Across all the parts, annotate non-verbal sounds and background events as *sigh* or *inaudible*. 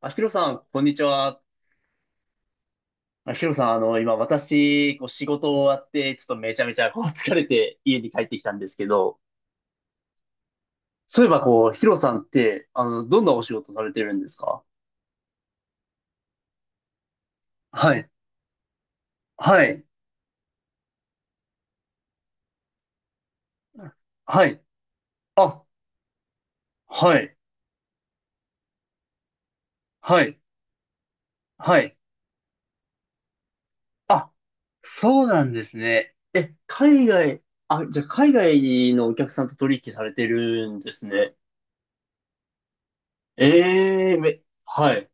あ、ヒロさん、こんにちは。あ、ヒロさん、あの、今、私、こう、仕事終わって、ちょっとめちゃめちゃ、こう、疲れて家に帰ってきたんですけど、そういえば、こう、ヒロさんって、あの、どんなお仕事されてるんですか？はい、はい、はい、あ、はい、はい、はい。あ、そうなんですね。え、海外、あ、じゃあ、海外のお客さんと取引されてるんですね。ええ、はい、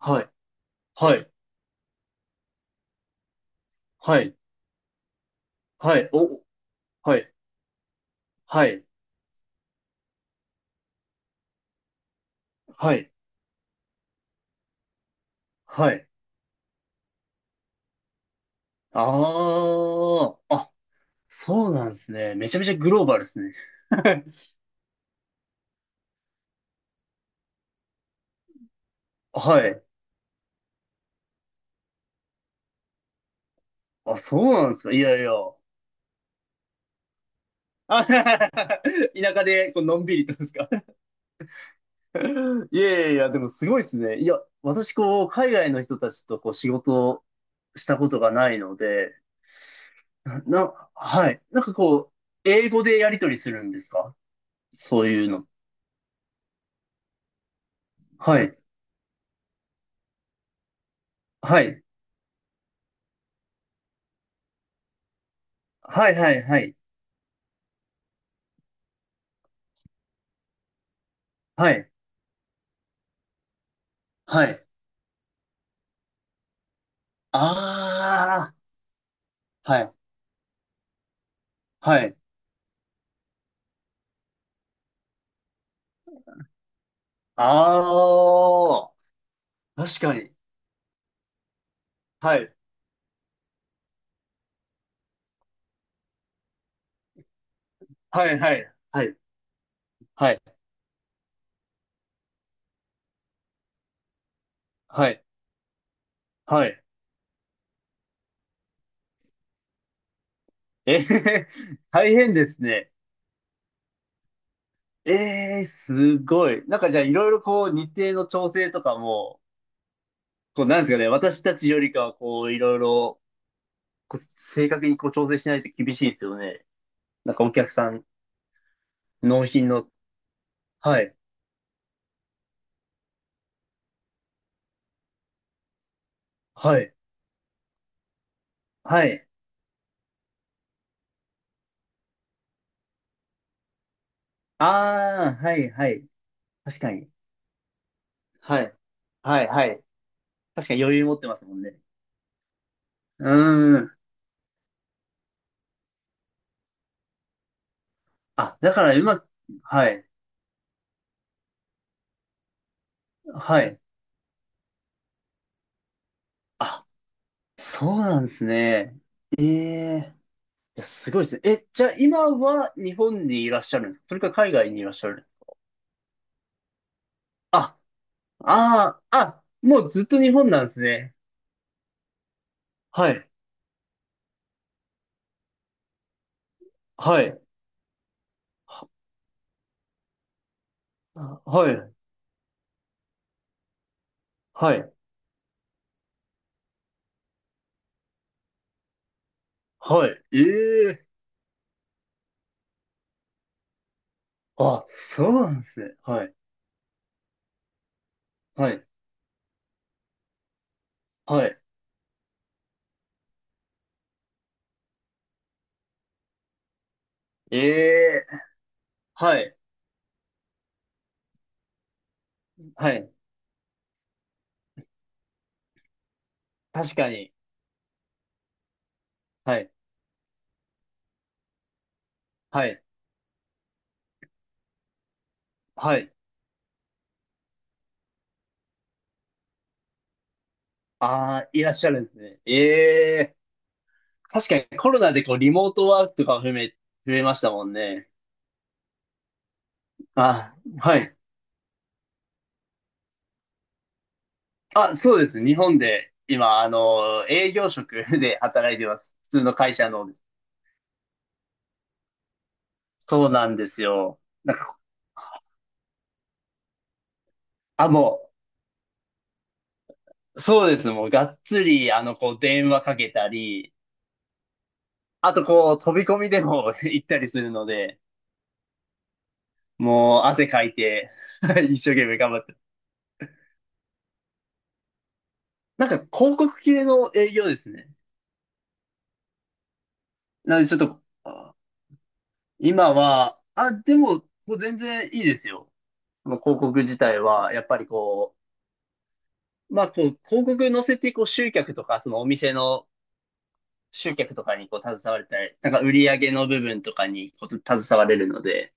はい、はい、はい、はい、お、はい、はい。はい。はい。ああ、あ、そうなんですね。めちゃめちゃグローバルですね。*laughs* はい。あ、そうなんですか。いやいや。あ *laughs* 田舎でこうのんびりとですか？*laughs* いやいやいや、でもすごいですね。いや、私こう、海外の人たちとこう、仕事をしたことがないので、はい。なんかこう、英語でやり取りするんですか？そういうの。はい。はい。はいはいはい。はい。はい。ああ。はい。はい。ああ、確かに。はい。はい、はい、はい、はい、はい、はい。えへへ、大変ですね。ええ、すごい。なんかじゃあいろいろこう日程の調整とかも、こうなんですかね、私たちよりかはこういろいろこう正確にこう調整しないと厳しいですよね。なんかお客さん、納品の。はい、はい、はい。ああ、はい、はい。確かに。はい、はい、はい。確かに余裕持ってますもんね。うーん。あ、だからうまく、はい、はい。あ、そうなんですね。ええ、いやすごいですね。え、じゃあ今は日本にいらっしゃるんですか？それか海外にいらっしゃる。あ、ああ、あ、もうずっと日本なんですね。はい、はい、ははい、はい、はい。ええ、あ、そうなんですね。はい、はい、はい。ええ、はい、はい。確かに。はい、はい、はい。ああ、いらっしゃるんですね。ええ。確かにコロナでこうリモートワークとか増えましたもんね。あ、はい。あ、そうです。日本で今、あの、営業職で働いてます。普通の会社のです。そうなんですよ。なんか、あ、もう、そうです。もう、がっつり、あの、こう、電話かけたり、あと、こう、飛び込みでも *laughs* 行ったりするので、もう、汗かいて *laughs* 一生懸命頑張って。なんか、広告系の営業ですね。なので、ちょっと、今は、あ、でも、もう全然いいですよ。その広告自体は、やっぱりこう、まあこう、広告載せて、こう、集客とか、そのお店の集客とかにこう、携われたり、なんか売り上げの部分とかにこう、携われるので、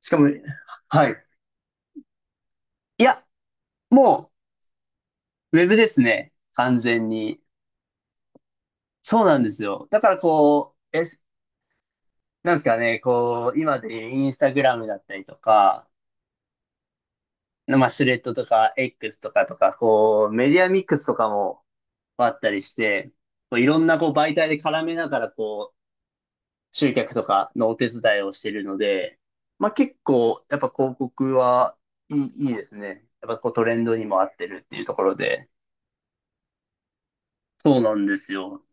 しかも、はい。いや、もう、ウェブですね。完全に。そうなんですよ。だからこう、え、なんですかね、こう、今でインスタグラムだったりとか、まあ、スレッドとか、X とか、こう、メディアミックスとかも、あったりして、こういろんなこう媒体で絡めながらこう集客とかのお手伝いをしているので、まあ結構やっぱ広告はいいですね。やっぱこうトレンドにも合ってるっていうところで。そうなんですよ。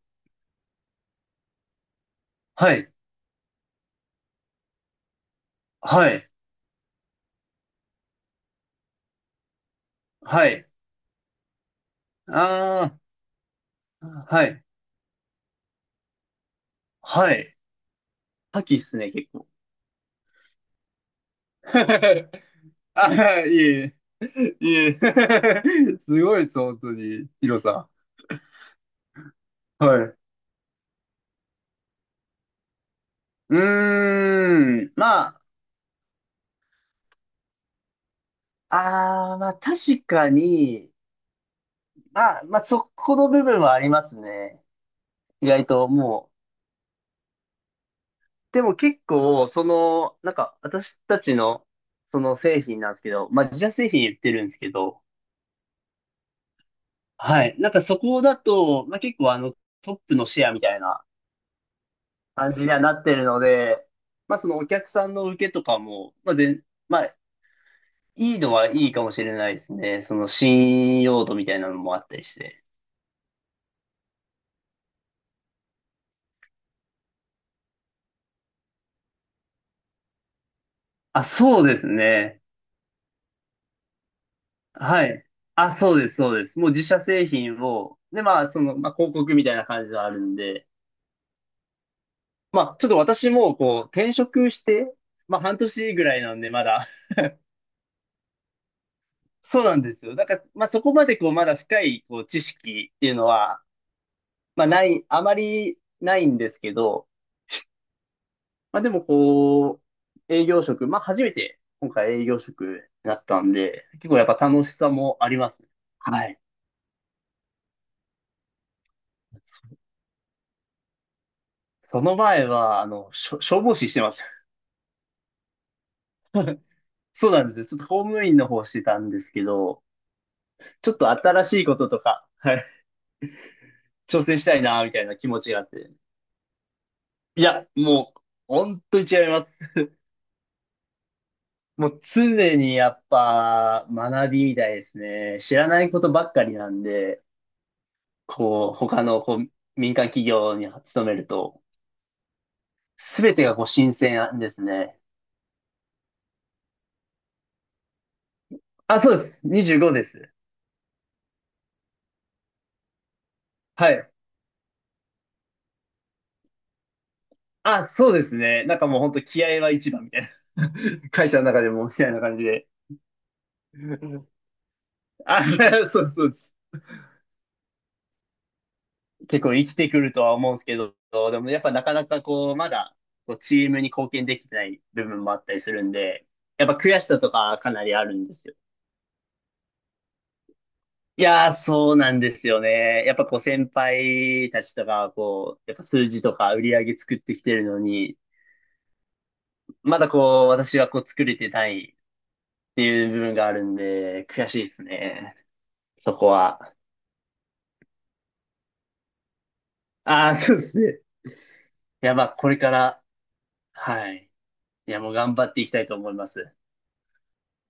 はい。はい。はい。ああ、はい。はい。覇気っすね、結構。*laughs* あー、いえいえ。いえ。*laughs* すごいです、本当に、ヒロさん。はい。うーん。まあ、ああ、まあ確かに、まあ、まあそこの部分はありますね。意外ともう。でも結構、その、なんか私たちの、その製品なんですけど、まあ自社製品言ってるんですけど、はい。なんかそこだと、まあ結構あのトップのシェアみたいな感じにはなってるので、まあそのお客さんの受けとかも、まあ全、まあいいのはいいかもしれないですね。その信用度みたいなのもあったりして。あ、そうですね。はい。あ、そうです、そうです。もう自社製品を、で、まあ、その、まあ、広告みたいな感じがあるんで、まあ、ちょっと私も、こう、転職して、まあ、半年ぐらいなんで、まだ。*laughs* そうなんですよ。だから、まあ、そこまで、こう、まだ深い、こう、知識っていうのは、まあ、ない、あまりないんですけど、まあ、でも、こう、営業職、まあ、初めて、今回営業職だったんで、結構やっぱ楽しさもありますね。はい。その前は、あの、消防士してます。そうなんですよ。ちょっと公務員の方してたんですけど、ちょっと新しいこととか、はい、挑戦したいな、みたいな気持ちがあって。いや、もう、本当に違います。もう常にやっぱ学びみたいですね。知らないことばっかりなんで、こう、他のこう民間企業に勤めると、すべてがこう新鮮ですね。あ、そうです。25です。はい。あ、そうですね。なんかもう本当気合は一番みたいな。*laughs* 会社の中でもみたいな感じで。あ、*laughs* そうそうです。結構生きてくるとは思うんですけど、でもやっぱなかなかこう、まだこうチームに貢献できてない部分もあったりするんで、やっぱ悔しさとかかなりあるんですよ。いやー、そうなんですよね。やっぱこう先輩たちとか、こう、やっぱ数字とか売り上げ作ってきてるのに、まだこう、私はこう作れてないっていう部分があるんで、悔しいですね。そこは。ああ、そうですね。いや、まあ、これから、はい。いや、もう頑張っていきたいと思います。